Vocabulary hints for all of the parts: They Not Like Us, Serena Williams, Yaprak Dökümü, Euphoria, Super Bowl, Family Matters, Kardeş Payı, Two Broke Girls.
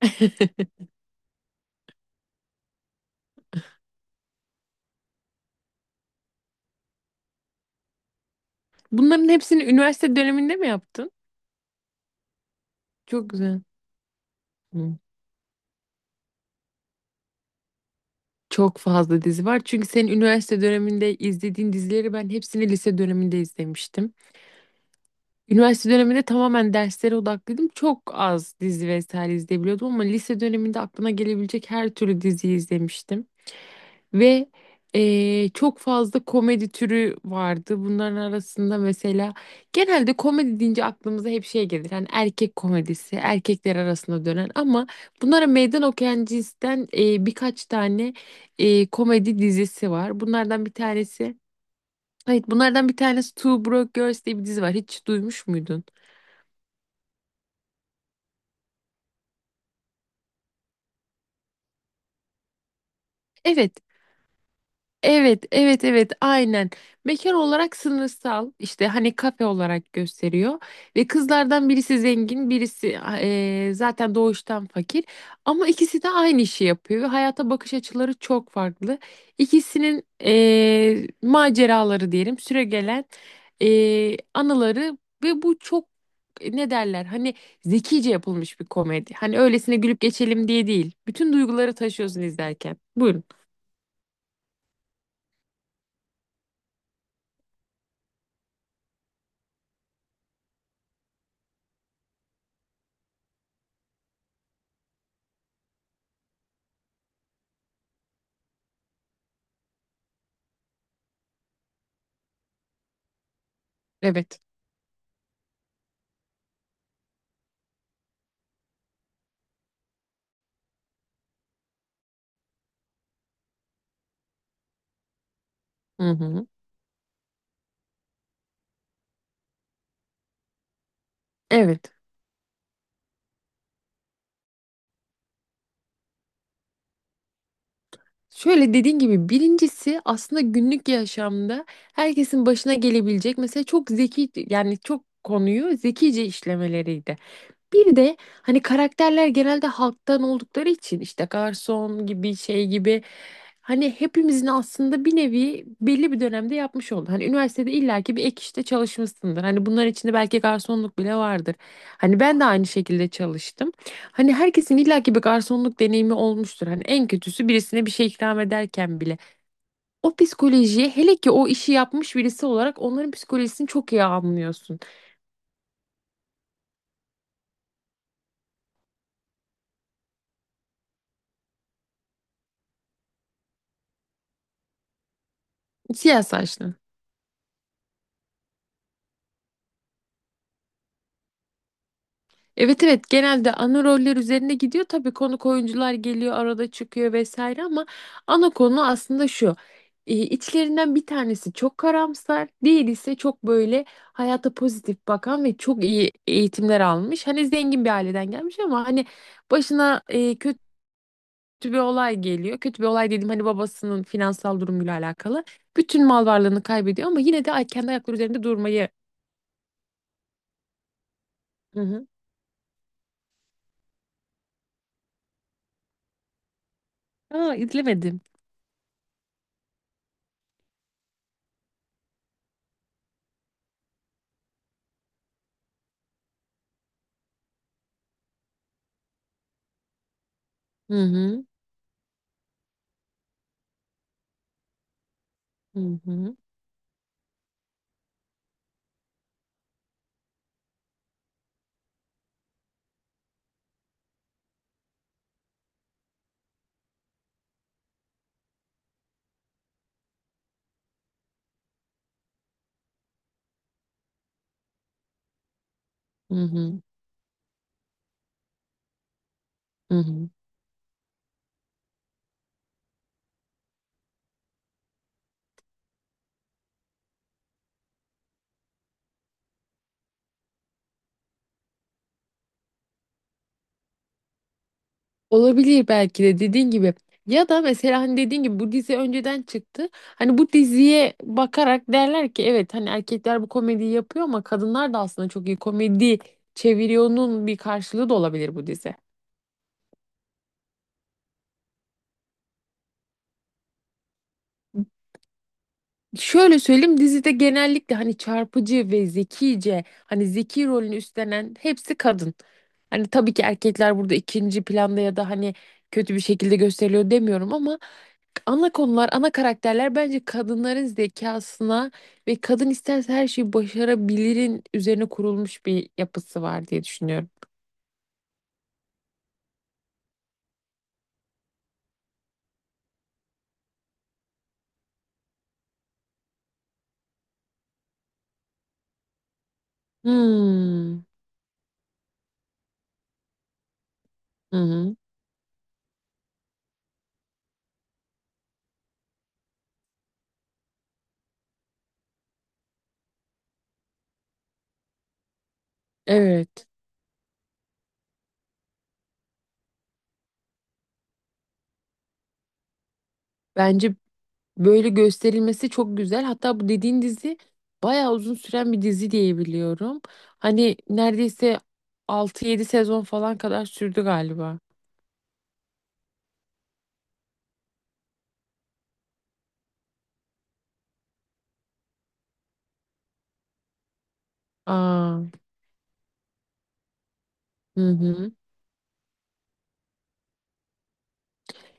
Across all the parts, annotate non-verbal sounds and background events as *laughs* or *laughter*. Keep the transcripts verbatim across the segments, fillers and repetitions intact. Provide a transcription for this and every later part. *laughs* Bunların hepsini üniversite döneminde mi yaptın? Çok güzel. Hı. Çok fazla dizi var. Çünkü senin üniversite döneminde izlediğin dizileri ben hepsini lise döneminde izlemiştim. Üniversite döneminde tamamen derslere odaklıydım. Çok az dizi vesaire izleyebiliyordum ama lise döneminde aklına gelebilecek her türlü diziyi izlemiştim. Ve eee, çok fazla komedi türü vardı. Bunların arasında mesela genelde komedi deyince aklımıza hep şey gelir. Hani erkek komedisi, erkekler arasında dönen ama bunlara meydan okuyan cinsten eee, birkaç tane eee, komedi dizisi var. Bunlardan bir tanesi, evet bunlardan bir tanesi Two Broke Girls diye bir dizi var. Hiç duymuş muydun? Evet. Evet, evet, evet, aynen. Mekan olarak sınırsal, işte hani kafe olarak gösteriyor ve kızlardan birisi zengin, birisi eee, zaten doğuştan fakir. Ama ikisi de aynı işi yapıyor ve hayata bakış açıları çok farklı. İkisinin eee, maceraları diyelim, süregelen eee anıları ve bu çok e, ne derler? Hani zekice yapılmış bir komedi. Hani öylesine gülüp geçelim diye değil. Bütün duyguları taşıyorsun izlerken. Buyurun. Evet. Hı hı. Evet. Şöyle dediğin gibi birincisi aslında günlük yaşamda herkesin başına gelebilecek mesela çok zeki, yani çok konuyu zekice işlemeleriydi. Bir de hani karakterler genelde halktan oldukları için işte garson gibi şey gibi hani hepimizin aslında bir nevi belli bir dönemde yapmış oldu. Hani üniversitede illaki bir ek işte çalışmışsındır. Hani bunların içinde belki garsonluk bile vardır. Hani ben de aynı şekilde çalıştım. Hani herkesin illaki bir garsonluk deneyimi olmuştur. Hani en kötüsü birisine bir şey ikram ederken bile. O psikolojiye, hele ki o işi yapmış birisi olarak onların psikolojisini çok iyi anlıyorsun. Siyah saçlı. Evet, evet, genelde ana roller üzerine gidiyor. Tabii konuk oyuncular geliyor, arada çıkıyor vesaire, ama ana konu aslında şu. E, içlerinden bir tanesi çok karamsar, diğeri ise çok böyle hayata pozitif bakan ve çok iyi eğitimler almış. Hani zengin bir aileden gelmiş ama hani başına e, kötü bir olay geliyor. Kötü bir olay dedim, hani babasının finansal durumuyla alakalı. Bütün mal varlığını kaybediyor ama yine de ay- kendi ayakları üzerinde durmayı. Hı hı. Aa, izlemedim. Hı hı. Hı hı. Hı hı. Hı hı. Olabilir, belki de dediğin gibi. Ya da mesela hani dediğin gibi bu dizi önceden çıktı. Hani bu diziye bakarak derler ki evet, hani erkekler bu komediyi yapıyor ama kadınlar da aslında çok iyi komedi çeviriyor'nun bir karşılığı da olabilir bu dizi. Şöyle söyleyeyim, dizide genellikle hani çarpıcı ve zekice, hani zeki rolünü üstlenen hepsi kadın. Hani tabii ki erkekler burada ikinci planda ya da hani kötü bir şekilde gösteriliyor demiyorum ama ana konular, ana karakterler bence kadınların zekasına ve kadın isterse her şeyi başarabilirin üzerine kurulmuş bir yapısı var diye düşünüyorum. Hmm. Hı hı. Evet. Bence böyle gösterilmesi çok güzel. Hatta bu dediğin dizi bayağı uzun süren bir dizi diye biliyorum. Hani neredeyse altı yedi sezon falan kadar sürdü galiba. Aa, hı hı.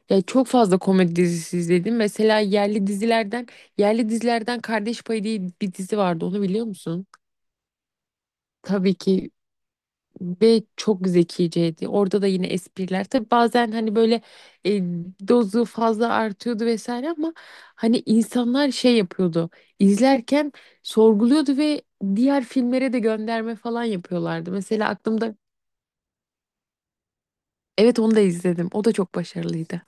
Ya çok fazla komedi dizisi izledim. Mesela yerli dizilerden, yerli dizilerden Kardeş Payı diye bir dizi vardı. Onu biliyor musun? Tabii ki. Ve çok zekiceydi. Orada da yine espriler. Tabii bazen hani böyle e, dozu fazla artıyordu vesaire ama hani insanlar şey yapıyordu. İzlerken sorguluyordu ve diğer filmlere de gönderme falan yapıyorlardı. Mesela aklımda evet, onu da izledim. O da çok başarılıydı.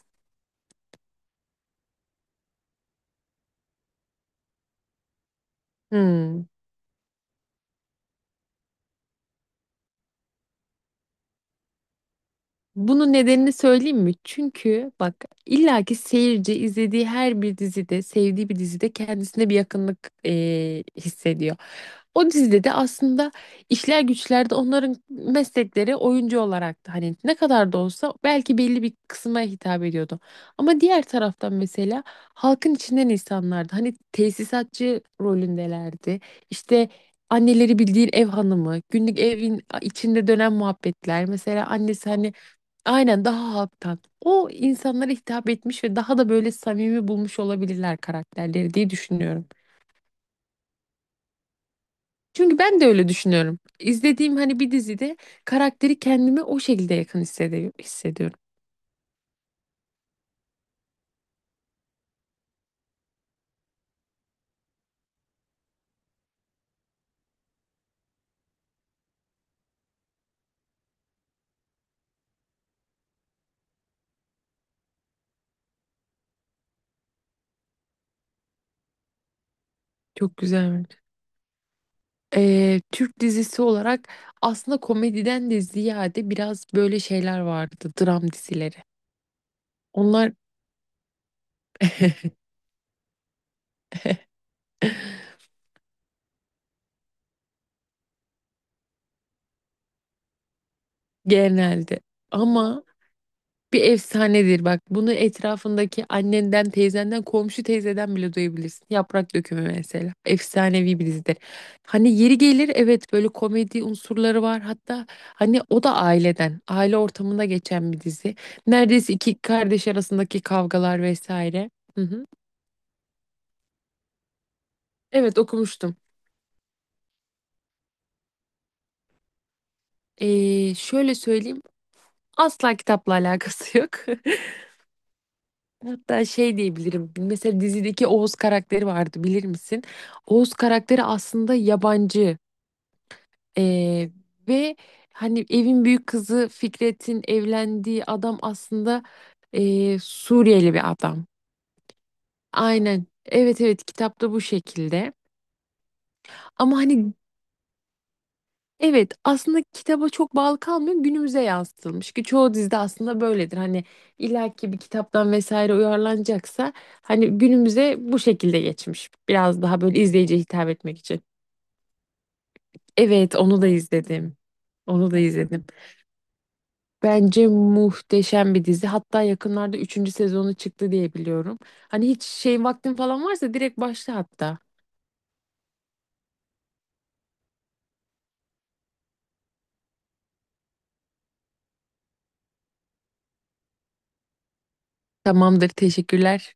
Hmm. Bunun nedenini söyleyeyim mi? Çünkü bak, illaki seyirci izlediği her bir dizide, sevdiği bir dizide kendisine bir yakınlık eee, hissediyor. O dizide de aslında işler güçler de onların meslekleri oyuncu olarak da hani ne kadar da olsa belki belli bir kısma hitap ediyordu. Ama diğer taraftan mesela halkın içinden insanlardı. Hani tesisatçı rolündelerdi. İşte anneleri bildiğin ev hanımı, günlük evin içinde dönen muhabbetler. Mesela annesi hani aynen daha halktan. O insanlara hitap etmiş ve daha da böyle samimi bulmuş olabilirler karakterleri diye düşünüyorum. Çünkü ben de öyle düşünüyorum. İzlediğim hani bir dizide karakteri kendime o şekilde yakın hissediyorum. hissediyorum. Çok güzel. Bence. Ee, Türk dizisi olarak aslında komediden de ziyade biraz böyle şeyler vardı. Dram dizileri. Onlar *laughs* genelde. Ama bir efsanedir bak. Bunu etrafındaki annenden, teyzenden, komşu teyzeden bile duyabilirsin. Yaprak Dökümü mesela. Efsanevi bir dizidir. Hani yeri gelir evet, böyle komedi unsurları var. Hatta hani o da aileden, aile ortamında geçen bir dizi. Neredeyse iki kardeş arasındaki kavgalar vesaire. Hı hı. Evet, okumuştum. Ee, şöyle söyleyeyim. Asla kitapla alakası yok. *laughs* Hatta şey diyebilirim. Mesela dizideki Oğuz karakteri vardı, bilir misin? Oğuz karakteri aslında yabancı. Ee, ve hani evin büyük kızı Fikret'in evlendiği adam aslında ee, Suriyeli bir adam. Aynen. Evet, evet, kitapta bu şekilde. Ama hani evet, aslında kitaba çok bağlı kalmıyor, günümüze yansıtılmış ki çoğu dizide aslında böyledir. Hani illaki bir kitaptan vesaire uyarlanacaksa hani günümüze bu şekilde geçmiş. Biraz daha böyle izleyiciye hitap etmek için. Evet, onu da izledim. Onu da izledim. Bence muhteşem bir dizi. Hatta yakınlarda üçüncü sezonu çıktı diye biliyorum. Hani hiç şey vaktin falan varsa direkt başla hatta. Tamamdır, teşekkürler.